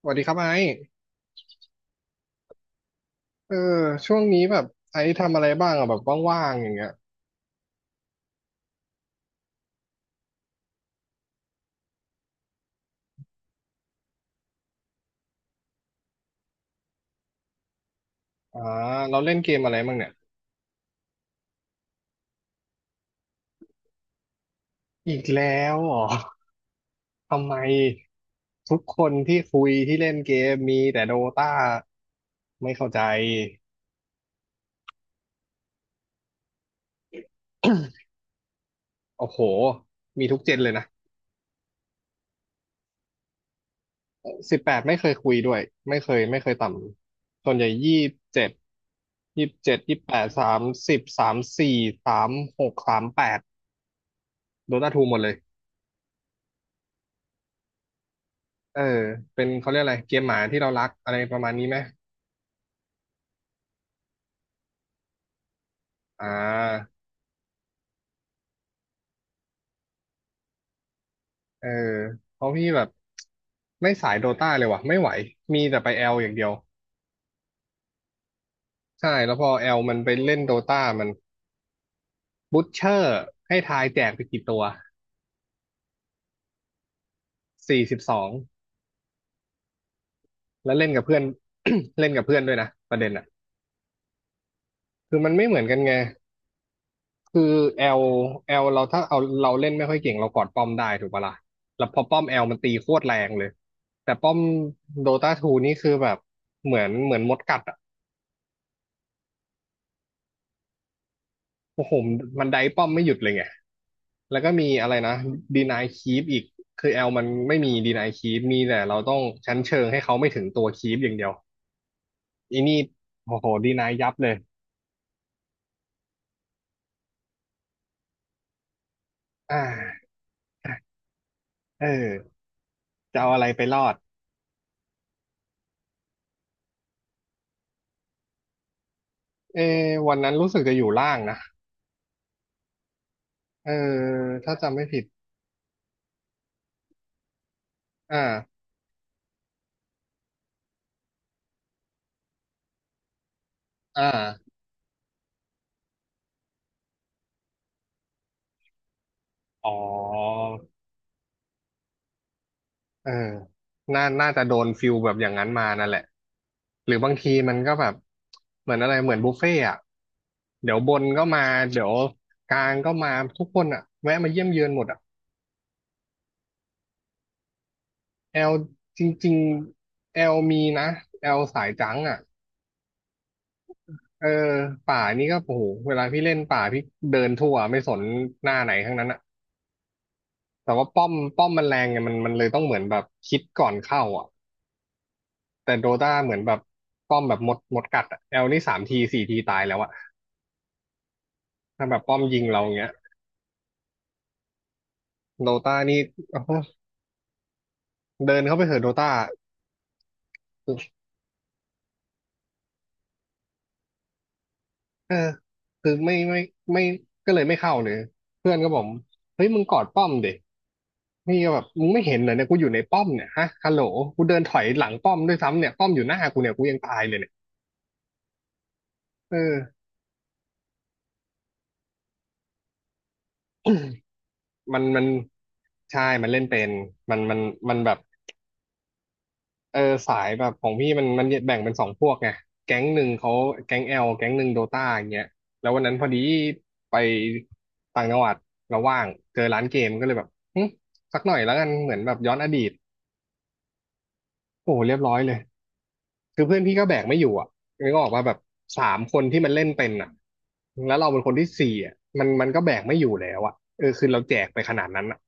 สวัสดีครับไอซ์เออช่วงนี้แบบไอซ์ทำอะไรบ้างอะแบบว่างๆอย่างเงี้ยอ่าเราเล่นเกมอะไรบ้างเนี่ยอีกแล้วเหรอทำไมทุกคนที่คุยที่เล่นเกมมีแต่โดตาไม่เข้าใจโอ้โหมีทุกเจนเลยนะสิบแปดไม่เคยคุยด้วยไม่เคยต่ำส่วนใหญ่ยี่สิบเจ็ด2830343638โดตาทูหมดเลย เออเป็นเขาเรียกอะไรเกมหมาที่เรารักอะไรประมาณนี้ไหมอ่าเออเพราะพี่แบบไม่สายโดตาเลยว่ะไม่ไหว มีแต่ไปแอลอย่างเดียวใช่แล้วพอแอลมันไปเล่นโดตามันบูทเชอร์ให้ทายแจกไปกี่ตัว42แล้วเล่นกับเพื่อน เล่นกับเพื่อนด้วยนะประเด็นอ่ะคือมันไม่เหมือนกันไง คือแอลแอลเราถ้าเอาเราเล่นไม่ค่อยเก่งเรากอดป้อมได้ถูกปะล่ะแล้วพอป้อมแอลมันตีโคตรแรงเลยแต่ป้อมโดตาทูนี่คือแบบเหมือนมดกัดอ่ะโอ้โหมันไดป้อมไม่หยุดเลยไงแล้วก็มีอะไรนะดีนายคีปอีกคือแอลมันไม่มีดีนายคีปมีแต่เราต้องชั้นเชิงให้เขาไม่ถึงตัวคีปอย่างเดียวอีนี่โอ้โหดีนายยับเลยอ่าเออจะเอาอะไรไปรอดเออวันนั้นรู้สึกจะอยู่ล่างนะเออถ้าจำไม่ผิดอ่า อ่าอ๋อเออน่าน่าจะโดนฟิลแบบอย่างนั้นมานั่นแหละหรือบางทีมันก็แบบ เหมือนอะไรเหมือนบุฟเฟ่ต์อะเดี๋ยวบนก็มาเดี๋ยวกลางก็มาทุกคนอะแวะมาเยี่ยมเยือนหมดอะแอลจริงๆแอลมีนะแอลสายจังอะเออป่านี่ก็โอ้โหเวลาพี่เล่นป่าพี่เดินทั่วไม่สนหน้าไหนทั้งนั้นอะแต่ว่าป้อมมันแรงไงมันเลยต้องเหมือนแบบคิดก่อนเข้าอะ แต่โดตาเหมือนแบบป้อมแบบมดกัดอะแอลนี่สามทีสี่ทีตายแล้วอะถ้าแบบป้อมยิงเราอย่างเงี้ยโดตานี่เอาเดินเข้าไปเถอะโดตาเออคือไม่ก็เลยไม่เข้าเลยเพื่อนก็บอกเฮ้ยมึงกอดป้อมเด็กนี่ก็แบบมึงไม่เห็นเหรอเนี่ยกูอยู่ในป้อมเนี่ยฮะฮัลโหลกูเดินถอยหลังป้อมด้วยซ้ำเนี่ยป้อมอยู่หน้ากูเนี่ยกูยังตายเลยเนี่ยเออมันใช่มันเล่นเป็นมันมันมันแบบ เออสายแบบของพี่มันแบ่งเป็นสองพวกไงแก๊งหนึ่งเขาแก๊งแอลแก๊งหนึ่งโดตาอย่างเงี้ยแล้ววันนั้นพอดีไปต่างจังหวัดแล้วว่างเจอร้านเกมก็เลยแบบหึสักหน่อยแล้วกันเหมือนแบบย้อนอดีตโอ้โหเรียบร้อยเลยคือเพื่อนพี่ก็แบกไม่อยู่อ่ะนึกออกว่าแบบสามคนที่มันเล่นเป็นอ่ะแล้วเราเป็นคนที่สี่อ่ะมันก็แบกไม่อยู่แล้วอ่ะเออคือเราแจกไปขนาดนั้นอ่ะ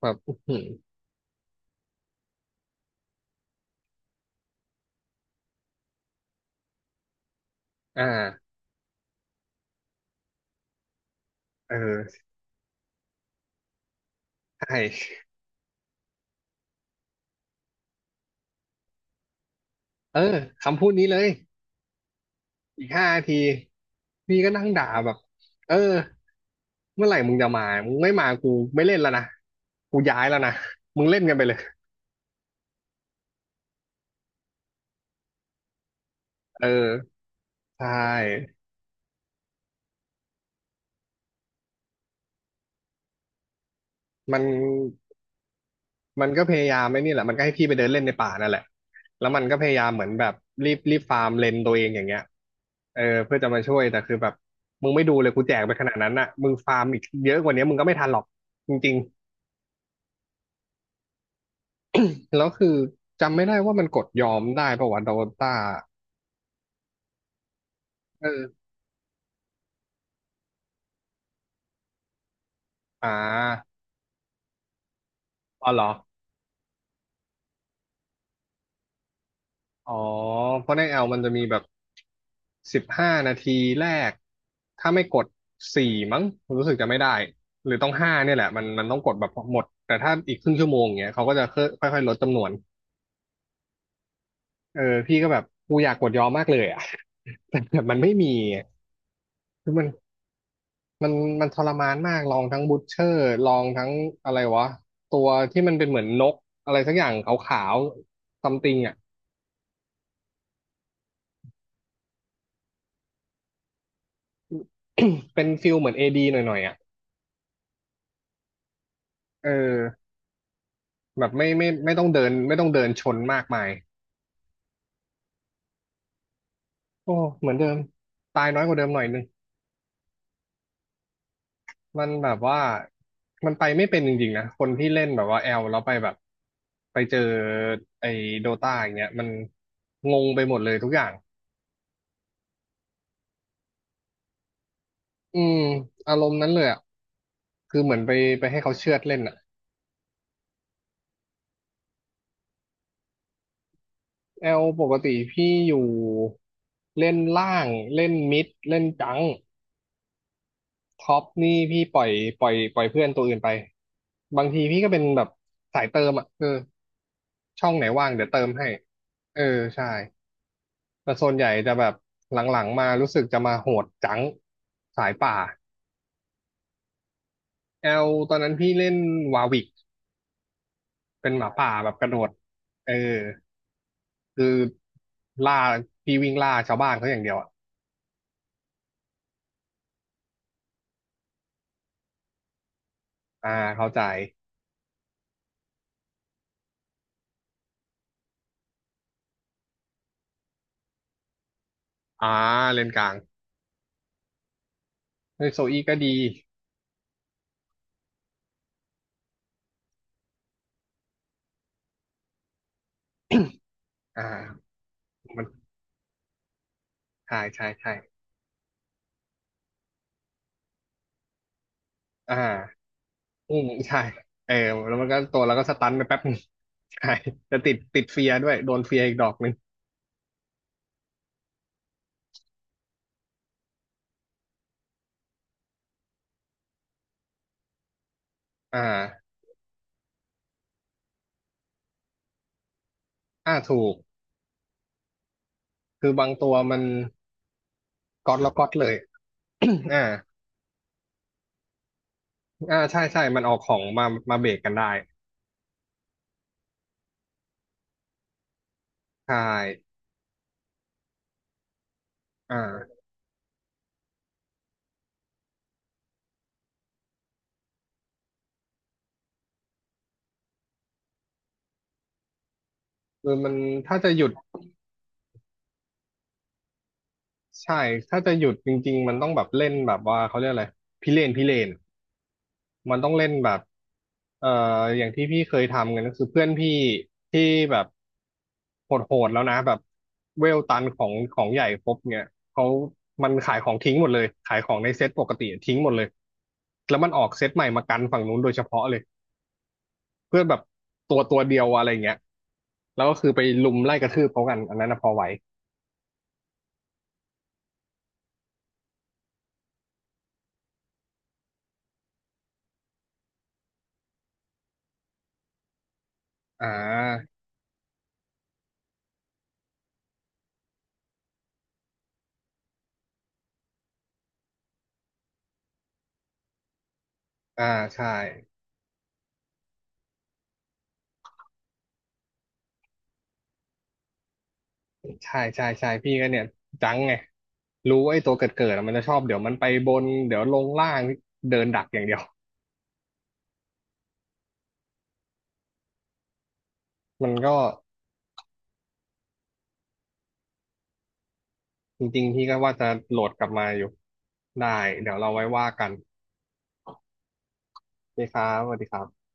แบบอื้อหืออ่าเออใช่เออคำพูดนี้เลย อีก5 นาทีพี่ก็นั่งด่าแบบเออเมื่อไหร่มึงจะมามึงไม่มากูไม่เล่นแล้วนะกูย้ายแล้วนะมึงเล่นกันไปเลยเออใช่มันมันก็พยายามไอ้นี่แหละมันก็ให้พี่ไปเดินเล่นในป่านั่นแหละแล้วมันก็พยายามเหมือนแบบรีบฟาร์มเลนตัวเองอย่างเงี้ยเออเพื่อจะมาช่วยแต่คือแบบมึงไม่ดูเลยกูแจกไปขนาดนั้นน่ะมึงฟาร์มอีกเยอะกว่านี้มึงก็ไม่ทันหรอกจริงๆแล้วคือจำไม่ได้ว่ามันกดยอมได้ปะวะโดต้าเออ อ่าอ๋อเหรออ๋อเพราะในแอลมันจะมีแบบ15 นาทีแรกถ้าไม่กดสี่มั้งผมรู้สึกจะไม่ได้หรือต้องห้าเนี่ยแหละมันต้องกดแบบหมดแต่ถ้าอีกครึ่งชั่วโมงอย่างเงี้ยเขาก็จะค่อยค่อยๆลดจำนวนเออพี่ก็แบบกูอยากกดยอมมากเลยอ่ะ แต่แบบมันไม่มีอะคือมันมันทรมานมาก ลองทั้งบู เชอร์ลองทั้งอะไรวะตัวที่มันเป็นเหมือนนกอะไรสักอย่างขาวๆซัมติงอ่ะ เป็นฟิลเหมือนเอดีหน่อยๆอ่ะเออ แบบไม่ต้องเดินชนมากมายโอ้เหมือนเดิมตายน้อยกว่าเดิมหน่อยนึงมันแบบว่ามันไปไม่เป็นจริงๆนะคนที่เล่นแบบว่าแอลแล้วไปแบบไปเจอไอ้โดตาอย่างเงี้ยมันงงไปหมดเลยทุกอย่างอืมอารมณ์นั้นเลยอ่ะคือเหมือนไปไปให้เขาเชือดเล่นอ่ะแอลปกติพี่อยู่เล่นล่างเล่นมิดเล่นจัง ท็อปนี่พี่ปล่อยปล่อยเพื่อนตัวอื่นไปบางทีพี่ก็เป็นแบบสายเติมอ่ะเออช่องไหนว่างเดี๋ยวเติมให้เออใช่แต่ส่วนใหญ่จะแบบหลังๆมารู้สึกจะมาโหดจังสายป่าแอลตอนนั้นพี่เล่นวาวิกเป็นหมาป่าแบบกระโดดเออคือล่าพี่วิ่งล่าชาวบ้านเขาอย่างเดียวอ่ะอ่าเข้าใจอ่าเลนกลางเฮ้ยโซอี้ก็ดีอ่ามันใช่ใช่ใช่อ่า อืมใช่เออแล้วมันก็ตัวเราก็สตันไปแป๊บนึงใช่จะติดเฟียร์ด้วย โดนเฟียร์อีกดอกหนึ่งอ่าอ่าถูก คือบางตัวมันก๊อตแล้วก๊อตเลย อ่าอ่าใช่ใช่มันออกของมามาเบรกกันได้ใช่อ่าคือมันถ้าจะหยุดใช่ ถ้าจะหยุดจริงๆมันต้องแบบเล่นแบบว่าเขาเรียกอะไรพิเรนพิเรน มันต้องเล่นแบบเอ่ออย่างที่พี่เคยทำกันก็คือเพื่อนพี่ที่แบบโหดๆแล้วนะแบบเวลตันของของใหญ่ครบเนี่ยเขามันขายของทิ้งหมดเลยขายของในเซ็ตปกติทิ้งหมดเลยแล้วมันออกเซ็ตใหม่มากันฝั่งนู้นโดยเฉพาะเลยเพื่อนแบบตัวเดียวอะไรเงี้ยแล้วก็คือไปลุมไล่กระทืบเขากันอันนั้นนะพอไหวอ่าอ่าใช่ ใช่ใช่ใช่พี่ก็เนี่ยจังไงรู้ว่าไอ้ตัวเกิดมันจะชอบเดี๋ยวมันไปบนเดี๋ยวลงล่างเดินดักอย่างเดียวมันก็จริงๆพี่ก็ว่าจะโหลดกลับมาอยู่ได้เดี๋ยวเราไว้ว่ากันพี่ครับสวัสดีครับ